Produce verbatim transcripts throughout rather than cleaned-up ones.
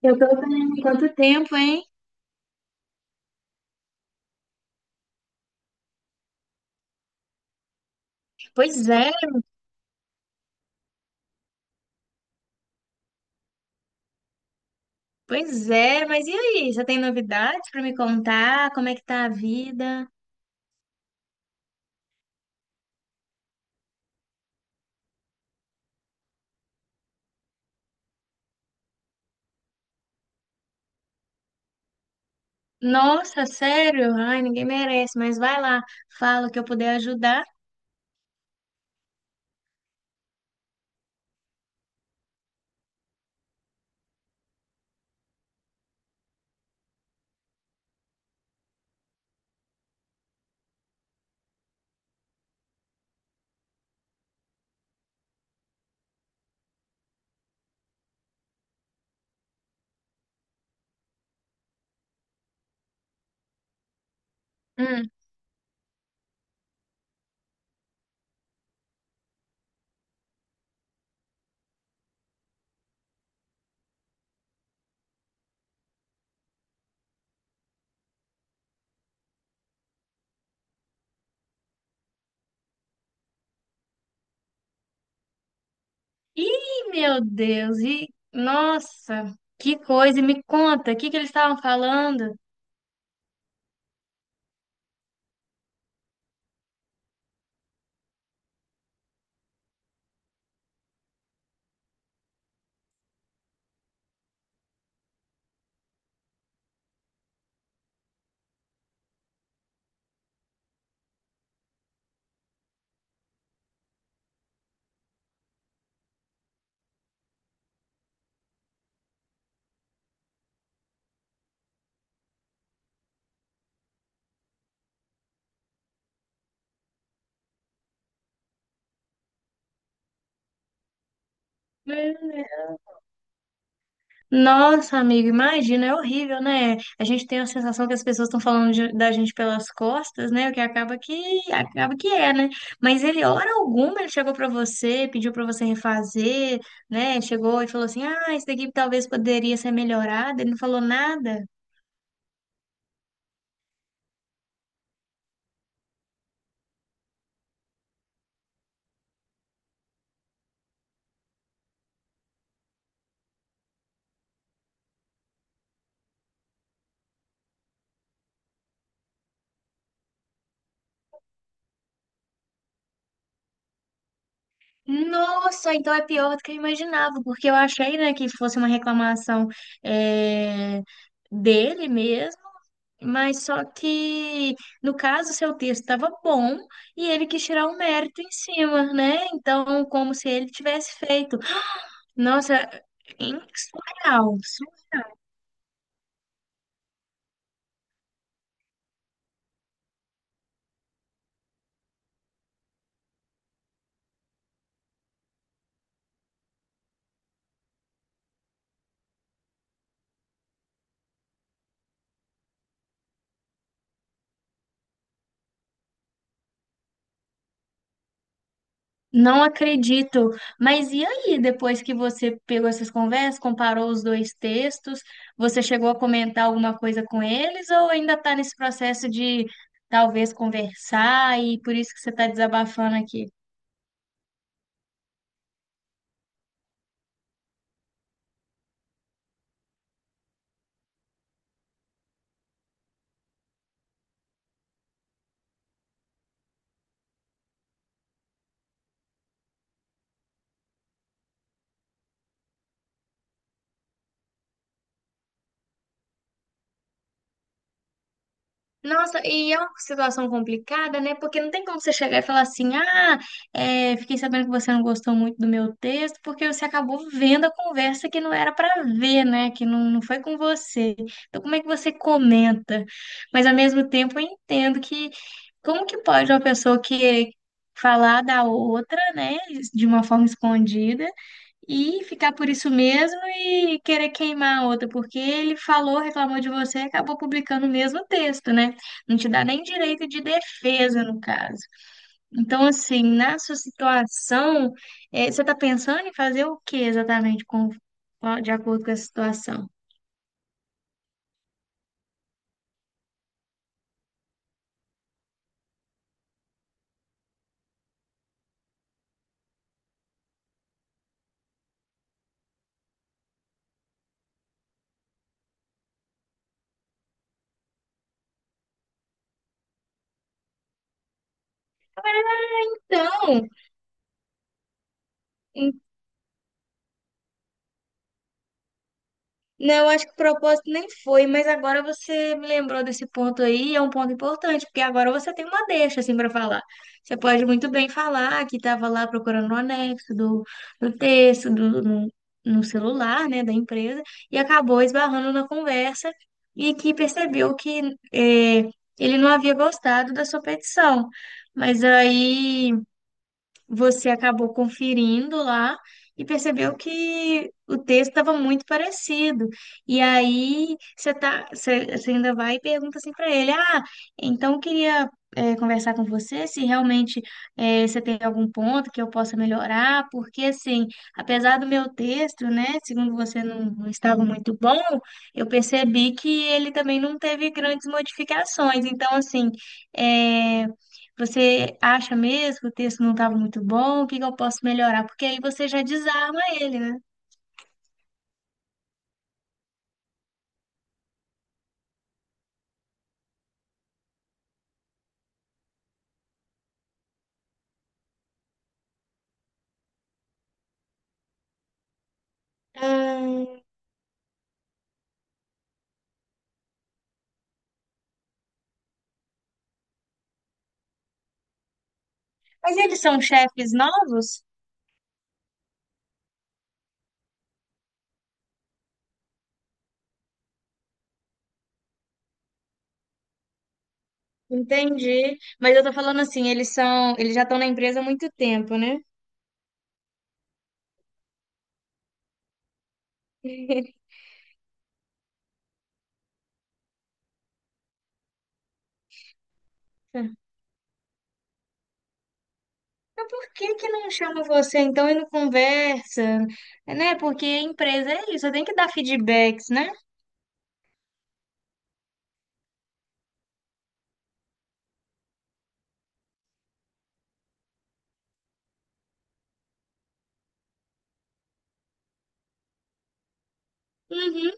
Eu tô bem, quanto tempo, hein? Pois é, pois é, mas e aí? Você tem novidades pra me contar? Como é que tá a vida? Nossa, sério? Ai, ninguém merece, mas vai lá, fala o que eu puder ajudar. Hum. Ih, meu Deus, e nossa, que coisa, e me conta, o que que eles estavam falando? Nossa, amigo, imagina, é horrível, né? A gente tem a sensação que as pessoas estão falando de- da gente pelas costas, né? O que acaba que acaba que é, né? Mas ele, hora alguma, ele chegou pra você, pediu pra você refazer, né? Chegou e falou assim: "Ah, isso daqui talvez poderia ser melhorado". Ele não falou nada. Nossa, então é pior do que eu imaginava, porque eu achei, né, que fosse uma reclamação eh, dele mesmo. Mas só que, no caso, seu texto estava bom e ele quis tirar o mérito em cima, né? Então, como se ele tivesse feito. Nossa, em- surreal. Não acredito. Mas e aí, depois que você pegou essas conversas, comparou os dois textos, você chegou a comentar alguma coisa com eles ou ainda está nesse processo de talvez conversar e por isso que você está desabafando aqui? Nossa, e é uma situação complicada, né? Porque não tem como você chegar e falar assim: ah, é, fiquei sabendo que você não gostou muito do meu texto, porque você acabou vendo a conversa que não era para ver, né? Que não, não foi com você. Então, como é que você comenta? Mas, ao mesmo tempo, eu entendo que como que pode uma pessoa que falar da outra, né, de uma forma escondida, e ficar por isso mesmo e querer queimar a outra, porque ele falou, reclamou de você e acabou publicando o mesmo texto, né? Não te dá nem direito de defesa, no caso. Então, assim, na sua situação, eh, você está pensando em fazer o que exatamente com, com- de acordo com a situação? Então, não, acho que o propósito nem foi, mas agora você me lembrou desse ponto aí, e é um ponto importante, porque agora você tem uma deixa assim para falar. Você pode muito bem falar que estava lá procurando o anexo do, do texto, do, no, no celular, né, da empresa, e acabou esbarrando na conversa e que percebeu que eh, ele não havia gostado da sua petição. Mas aí você acabou conferindo lá e percebeu que o texto estava muito parecido. E aí você tá, você, você ainda vai e pergunta assim para ele: Ah, então eu queria eh, conversar com você se realmente eh, você tem algum ponto que eu possa melhorar, porque assim, apesar do meu texto, né, segundo você não, não estava muito bom, eu percebi que ele também não teve grandes modificações. Então, assim, é, você acha mesmo que o texto não estava muito bom? O que que eu posso melhorar? Porque aí você já desarma ele, né? Hum. Mas eles são chefes novos? Entendi. Mas eu tô falando assim, eles são, eles já estão na empresa há muito tempo, né? Por que que não chama você então e não conversa? É. Né? Porque a empresa é isso, você tem que dar feedbacks, né? Uhum.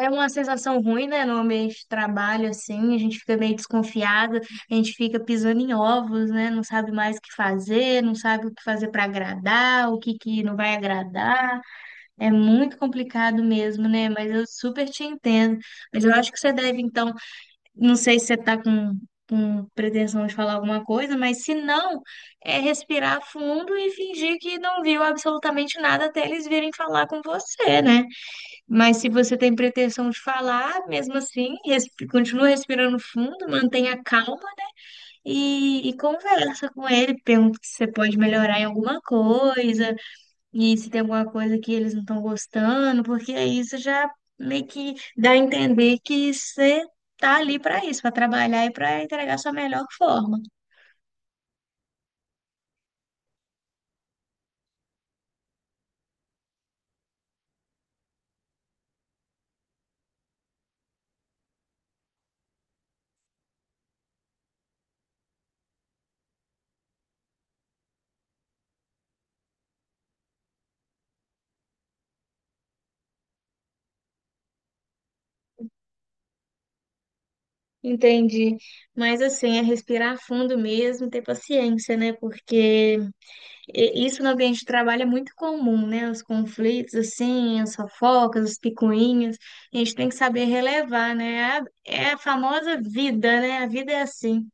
É uma sensação ruim, né? No ambiente de trabalho, assim, a gente fica meio desconfiado, a gente fica pisando em ovos, né? Não sabe mais o que fazer, não sabe o que fazer para agradar, o que que não vai agradar. É muito complicado mesmo, né? Mas eu super te entendo. Mas eu acho que você deve, então, não sei se você está com, com pretensão de falar alguma coisa, mas se não, é respirar fundo e fingir que não viu absolutamente nada até eles virem falar com você, né? Mas se você tem pretensão de falar, mesmo assim, respi- continua respirando fundo, mantenha calma e, e conversa com ele, pergunta se você pode melhorar em alguma coisa e se tem alguma coisa que eles não estão gostando, porque aí isso já meio que dá a entender que você tá ali para isso, para trabalhar e para entregar sua melhor forma. Entendi. Mas assim, é respirar fundo mesmo, ter paciência, né? Porque E- isso no ambiente de trabalho é muito comum, né? Os conflitos, assim, as fofocas, as picuinhas. A gente tem que saber relevar, né? É a, é a famosa vida, né? A vida é assim.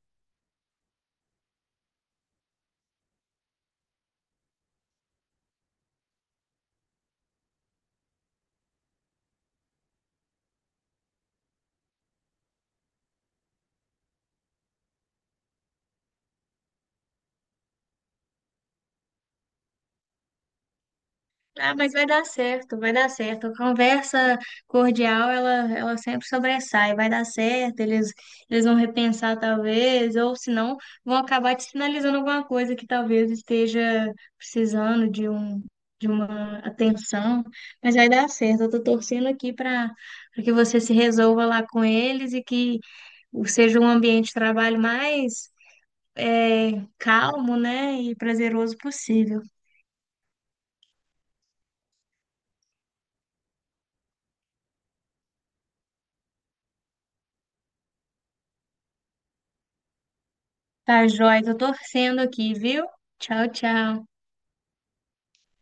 Ah, mas vai dar certo, vai dar certo. A conversa cordial, ela, ela sempre sobressai. Vai dar certo, eles, eles vão repensar talvez, ou se não, vão acabar te sinalizando alguma coisa que talvez esteja precisando de um, de uma atenção. Mas vai dar certo. Eu tô torcendo aqui para para que você se resolva lá com eles e que seja um ambiente de trabalho mais eh, calmo, né, e prazeroso possível. Tá, joia, tô torcendo aqui, viu? Tchau, tchau.